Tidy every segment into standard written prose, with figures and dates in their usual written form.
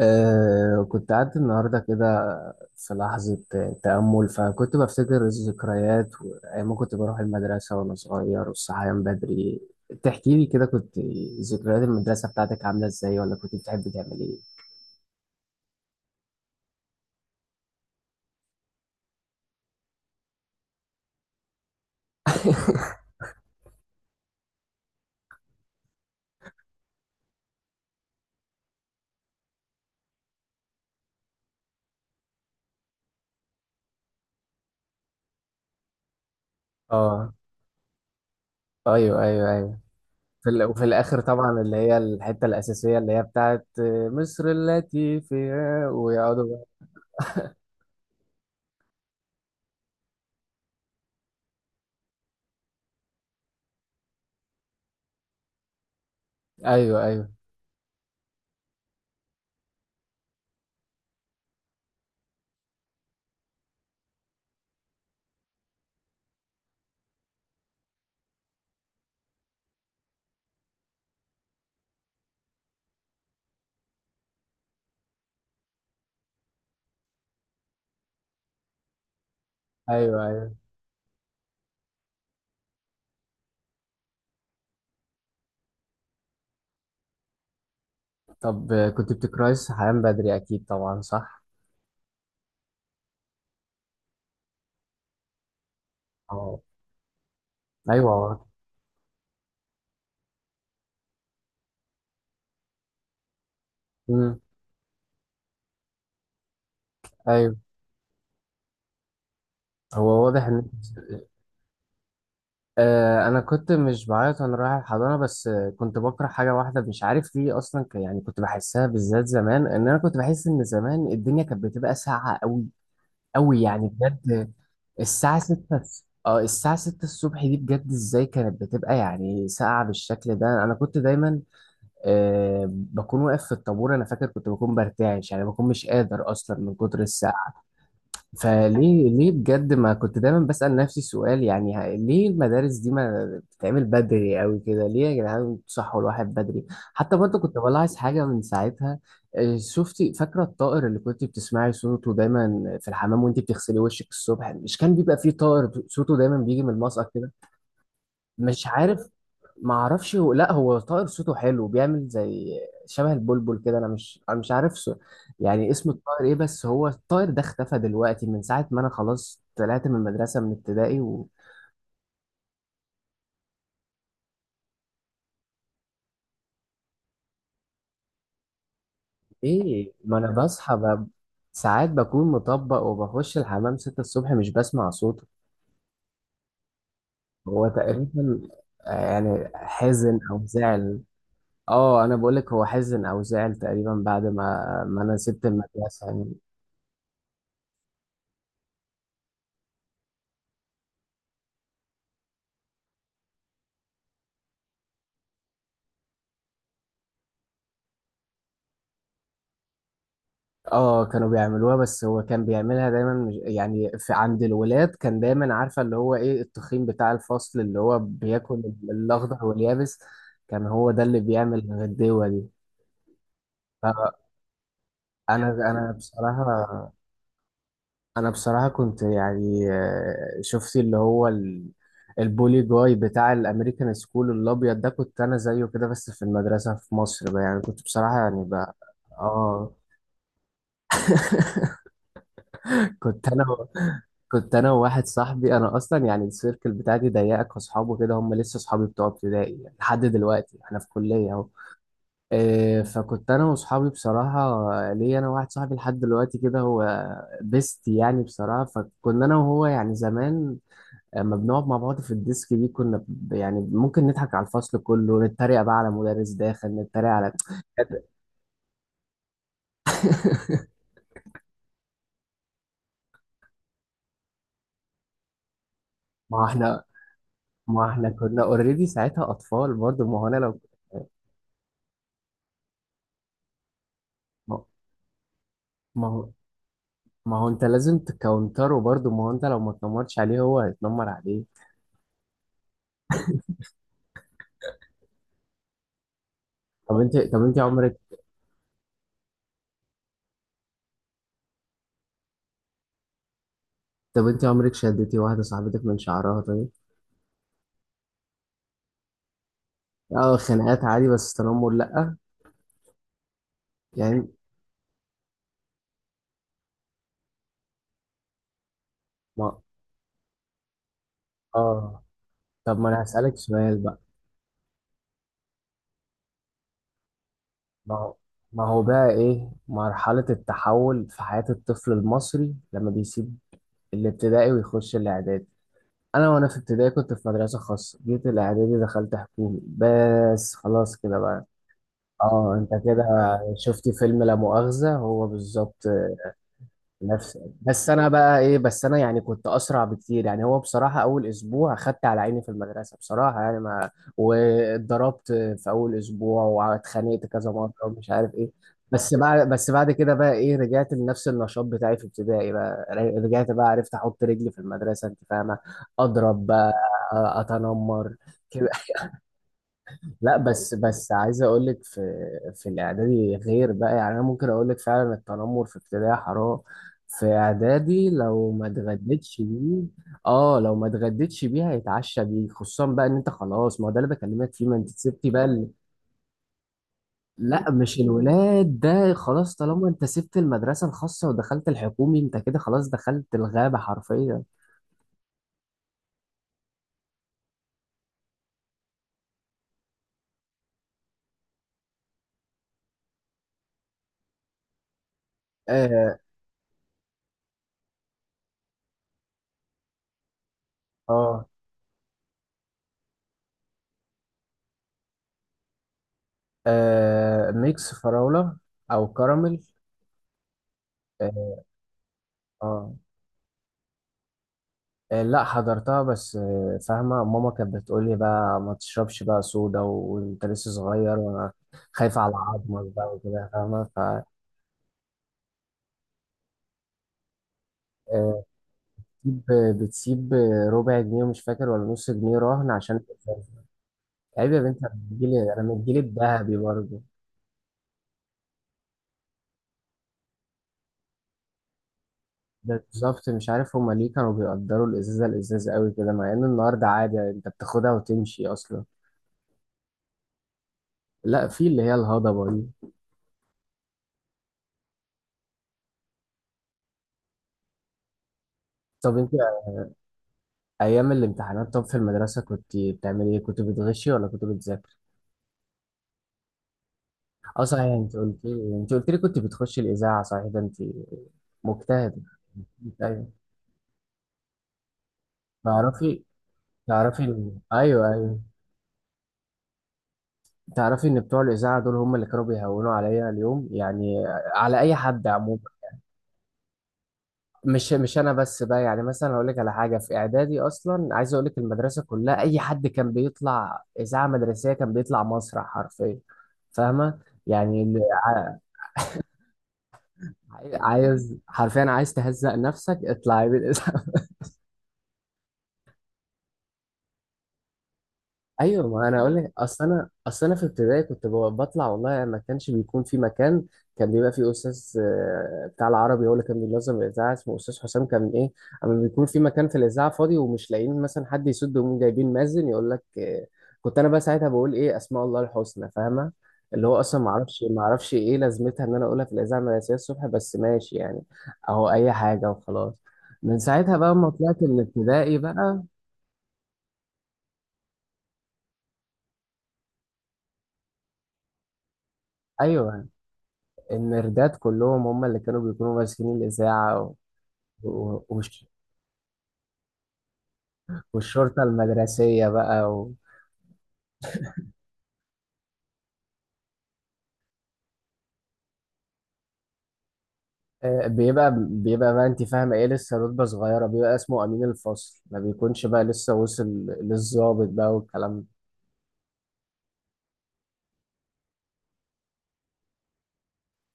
آه، كنت قاعد النهاردة كده في لحظة تأمل، فكنت بفتكر الذكريات وأيام ما كنت بروح المدرسة وأنا صغير والصحيان بدري. تحكي لي كده ذكريات المدرسة بتاعتك عاملة إزاي، ولا كنت بتحب تعمل إيه؟ آه، أيوه أيوه أيوه. وفي الآخر طبعا اللي هي الحتة الأساسية اللي هي بتاعت مصر التي فيها ويقعدوا. أيوه أيوه أيوه أيوه. طب كنت بتكرهي الصحيان بدري، أكيد طبعا صح؟ آه، أيوه. مم. ايوه. هو واضح ان. آه، انا كنت مش بعيط وانا رايح الحضانه، بس كنت بكره حاجه واحده، مش عارف ليه اصلا، يعني كنت بحسها بالذات زمان، ان انا كنت بحس ان زمان الدنيا كانت بتبقى ساقعه قوي قوي، يعني بجد. الساعه 6 اه الساعه 6 الصبح دي بجد ازاي كانت بتبقى يعني ساقعه بالشكل ده، انا كنت دايما بكون واقف في الطابور. انا فاكر كنت بكون برتعش، يعني بكون مش قادر اصلا من كتر الساعه. فليه، ليه بجد، ما كنت دايما بسأل نفسي السؤال، يعني ليه المدارس دي ما بتتعمل بدري قوي كده، ليه يا جدعان بتصحوا الواحد بدري؟ حتى برضه كنت بلاحظ حاجة من ساعتها. آه، شفتي فاكرة الطائر اللي كنت بتسمعي صوته دايما في الحمام وانت بتغسلي وشك الصبح؟ مش كان بيبقى فيه طائر صوته دايما بيجي من المسقط كده؟ مش عارف ما اعرفش هو، لا هو طائر صوته حلو بيعمل زي شبه البلبل كده، انا مش عارف يعني اسم الطائر ايه. بس هو الطائر ده اختفى دلوقتي من ساعة ما انا خلاص طلعت من المدرسة من ابتدائي و. ايه، ما انا بصحى ساعات بكون مطبق وبخش الحمام ستة الصبح، مش بسمع صوته. هو تقريبا يعني حزن او زعل. اه، انا بقولك هو حزن او زعل تقريبا بعد ما انا سبت المدرسة يعني. اه كانوا بيعملوها، بس هو كان بيعملها دايما يعني في عند الولاد، كان دايما عارفه اللي هو ايه، التخين بتاع الفصل اللي هو بياكل الاخضر واليابس، كان هو ده اللي بيعمل الغديوه دي. فانا، انا بصراحه انا بصراحه كنت يعني شفت اللي هو البولي جاي بتاع الامريكان سكول الابيض ده، كنت انا زيه كده بس في المدرسه في مصر بقى، يعني كنت بصراحه يعني بقى. اه، كنت انا و... كنت انا وواحد صاحبي. انا اصلا يعني السيركل بتاعتي ضيقه، كاصحابه كده هم لسه اصحابي بتوع ابتدائي، يعني لحد دلوقتي احنا في كليه اهو. إيه، فكنت انا واصحابي بصراحه، ليا انا واحد صاحبي لحد دلوقتي كده، هو بيست يعني، بصراحه. فكنا انا وهو يعني زمان لما بنقعد مع بعض في الديسك دي، كنا يعني ممكن نضحك على الفصل كله، نتريق بقى على مدرس داخل، نتريق على ما هو احنا ما هو احنا كنا اوريدي ساعتها اطفال برضه، ما هو انا لو ما ما هو ما هو انت لازم تكونتره برضه، ما هو انت لو ما تنمرتش عليه هو هيتنمر عليه. طب انت طب انت عمرك طب انت عمرك شدتي واحده صاحبتك من شعرها طيب؟ اه، خناقات عادي، بس تنمر لا. يعني ما اه طب ما انا هسألك سؤال بقى. ما هو ما هو بقى ايه مرحله التحول في حياه الطفل المصري لما بيسيب الابتدائي ويخش الاعدادي؟ انا وانا في ابتدائي كنت في مدرسه خاصه، جيت الاعدادي دخلت حكومي، بس خلاص كده بقى. اه انت كده شفت فيلم لا مؤاخذة، هو بالظبط نفس. بس انا بقى ايه، بس انا يعني كنت اسرع بكتير. يعني هو بصراحة اول اسبوع اخدت على عيني في المدرسة بصراحة، يعني ما واتضربت في اول اسبوع واتخانقت كذا مرة ومش عارف ايه. بس بعد كده بقى ايه، رجعت لنفس النشاط بتاعي في ابتدائي بقى، رجعت بقى، عرفت احط رجلي في المدرسة، انت فاهمة، اضرب بقى، اتنمر. لا بس عايز اقول لك، في الاعدادي غير بقى، يعني انا ممكن اقول لك فعلا التنمر في ابتدائي حرام، في اعدادي لو ما اتغديتش بيه، اه لو ما اتغديتش بيه هيتعشى بيه، خصوصا بقى ان انت خلاص، ما هو ده اللي بكلمك فيه، ما انت سبتي بقى لا مش الولاد، ده خلاص طالما انت سبت المدرسة الخاصة ودخلت الحكومي انت كده خلاص دخلت الغابة حرفيا. اه. اه، آه ميكس فراولة، او كراميل. اه. آه. آه، لا حضرتها، بس فاهمة ماما كانت بتقولي بقى ما تشربش بقى صودا وانت لسه صغير، وانا خايفة على عظمك بقى وكده، فاهمة. ف آه، بتسيب بتسيب ربع جنيه، ومش فاكر ولا نص جنيه رهن عشان الإزازة. عيب يا بنت، انا من الجيل الذهبي برضه. ده بالظبط، مش عارف هما ليه كانوا بيقدروا الازازة، الازازة قوي كده، مع ان النهارده عادي يعني، انت بتاخدها وتمشي اصلا. لا، في اللي هي الهضبة دي. طب انت ايام الامتحانات، طب في المدرسه كنت بتعملي ايه، كنت بتغشي ولا كنت بتذاكر؟ اه صحيح، انت قلت لي كنت بتخشي الاذاعه، صحيح ده انت مجتهد. ايوه تعرفي ايوه ايوه، تعرفي ان بتوع الاذاعه دول هم اللي كانوا بيهونوا عليا اليوم، يعني على اي حد عموما. مش انا بس بقى، يعني مثلا هقول لك على حاجه، في اعدادي اصلا عايز اقول لك المدرسه كلها، اي حد كان بيطلع اذاعه مدرسيه كان بيطلع مسرح حرفيا، فاهمه يعني، عايز حرفيا عايز تهزق نفسك اطلعي بالاسم. ايوه، ما انا اقول لك، اصل انا اصل انا في ابتدائي كنت بطلع، والله ما كانش بيكون في مكان، كان بيبقى في استاذ بتاع العربي هو اللي كان بينظم الاذاعه، اسمه استاذ حسام، كان ايه اما بيكون في مكان في الاذاعه فاضي ومش لاقيين مثلا حد يسد، ومين جايبين مأذن يقول لك كنت انا بقى ساعتها بقول ايه اسماء الله الحسنى، فاهمه. اللي هو اصلا ما اعرفش ايه لازمتها ان انا اقولها في الاذاعه المدرسيه الصبح، بس ماشي يعني، اهو اي حاجه وخلاص. من ساعتها بقى ما طلعت من ابتدائي بقى. ايوه، المردات كلهم هم اللي كانوا بيكونوا ماسكين الإذاعة، و- والش- والشرطة المدرسية بقى و. آه، بيبقى بقى انت فاهمة ايه، لسه رتبة صغيرة بيبقى اسمه أمين الفصل، ما بيكونش بقى لسه وصل للضابط بقى والكلام ده.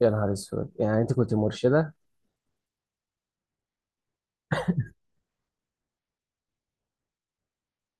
يا نهار اسود، يعني انت كنت مرشدة؟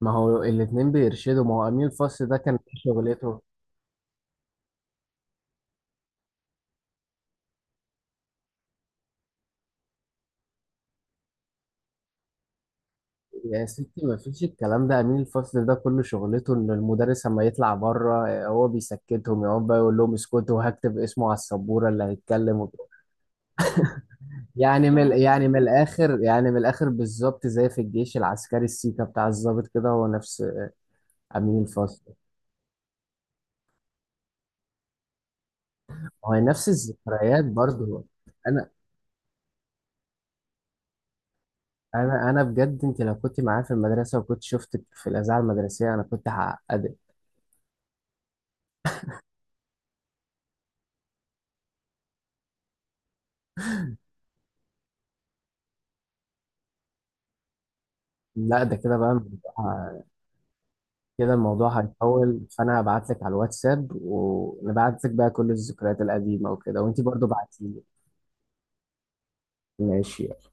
ما هو الاتنين بيرشدوا، ما هو أمين الفصل ده كان إيه شغلته؟ يا ستي ما فيش الكلام ده، امين الفصل ده كل شغلته ان المدرس اما يطلع بره هو بيسكتهم، يقعد بقى يقول لهم اسكتوا وهكتب اسمه على السبوره اللي هيتكلم، وب. يعني من الاخر بالظبط، زي في الجيش العسكري السيكا بتاع الضابط كده، هو نفس امين الفصل، هو نفس الذكريات برضه. انا انا بجد، انت لو كنت معايا في المدرسه وكنت شفتك في الاذاعه المدرسيه انا كنت هعقدك. لا ده كده بقى كده الموضوع هيطول، فانا هبعت لك على الواتساب ونبعت لك بقى كل الذكريات القديمه وكده، وانتي برضو بعتيلي. ماشي.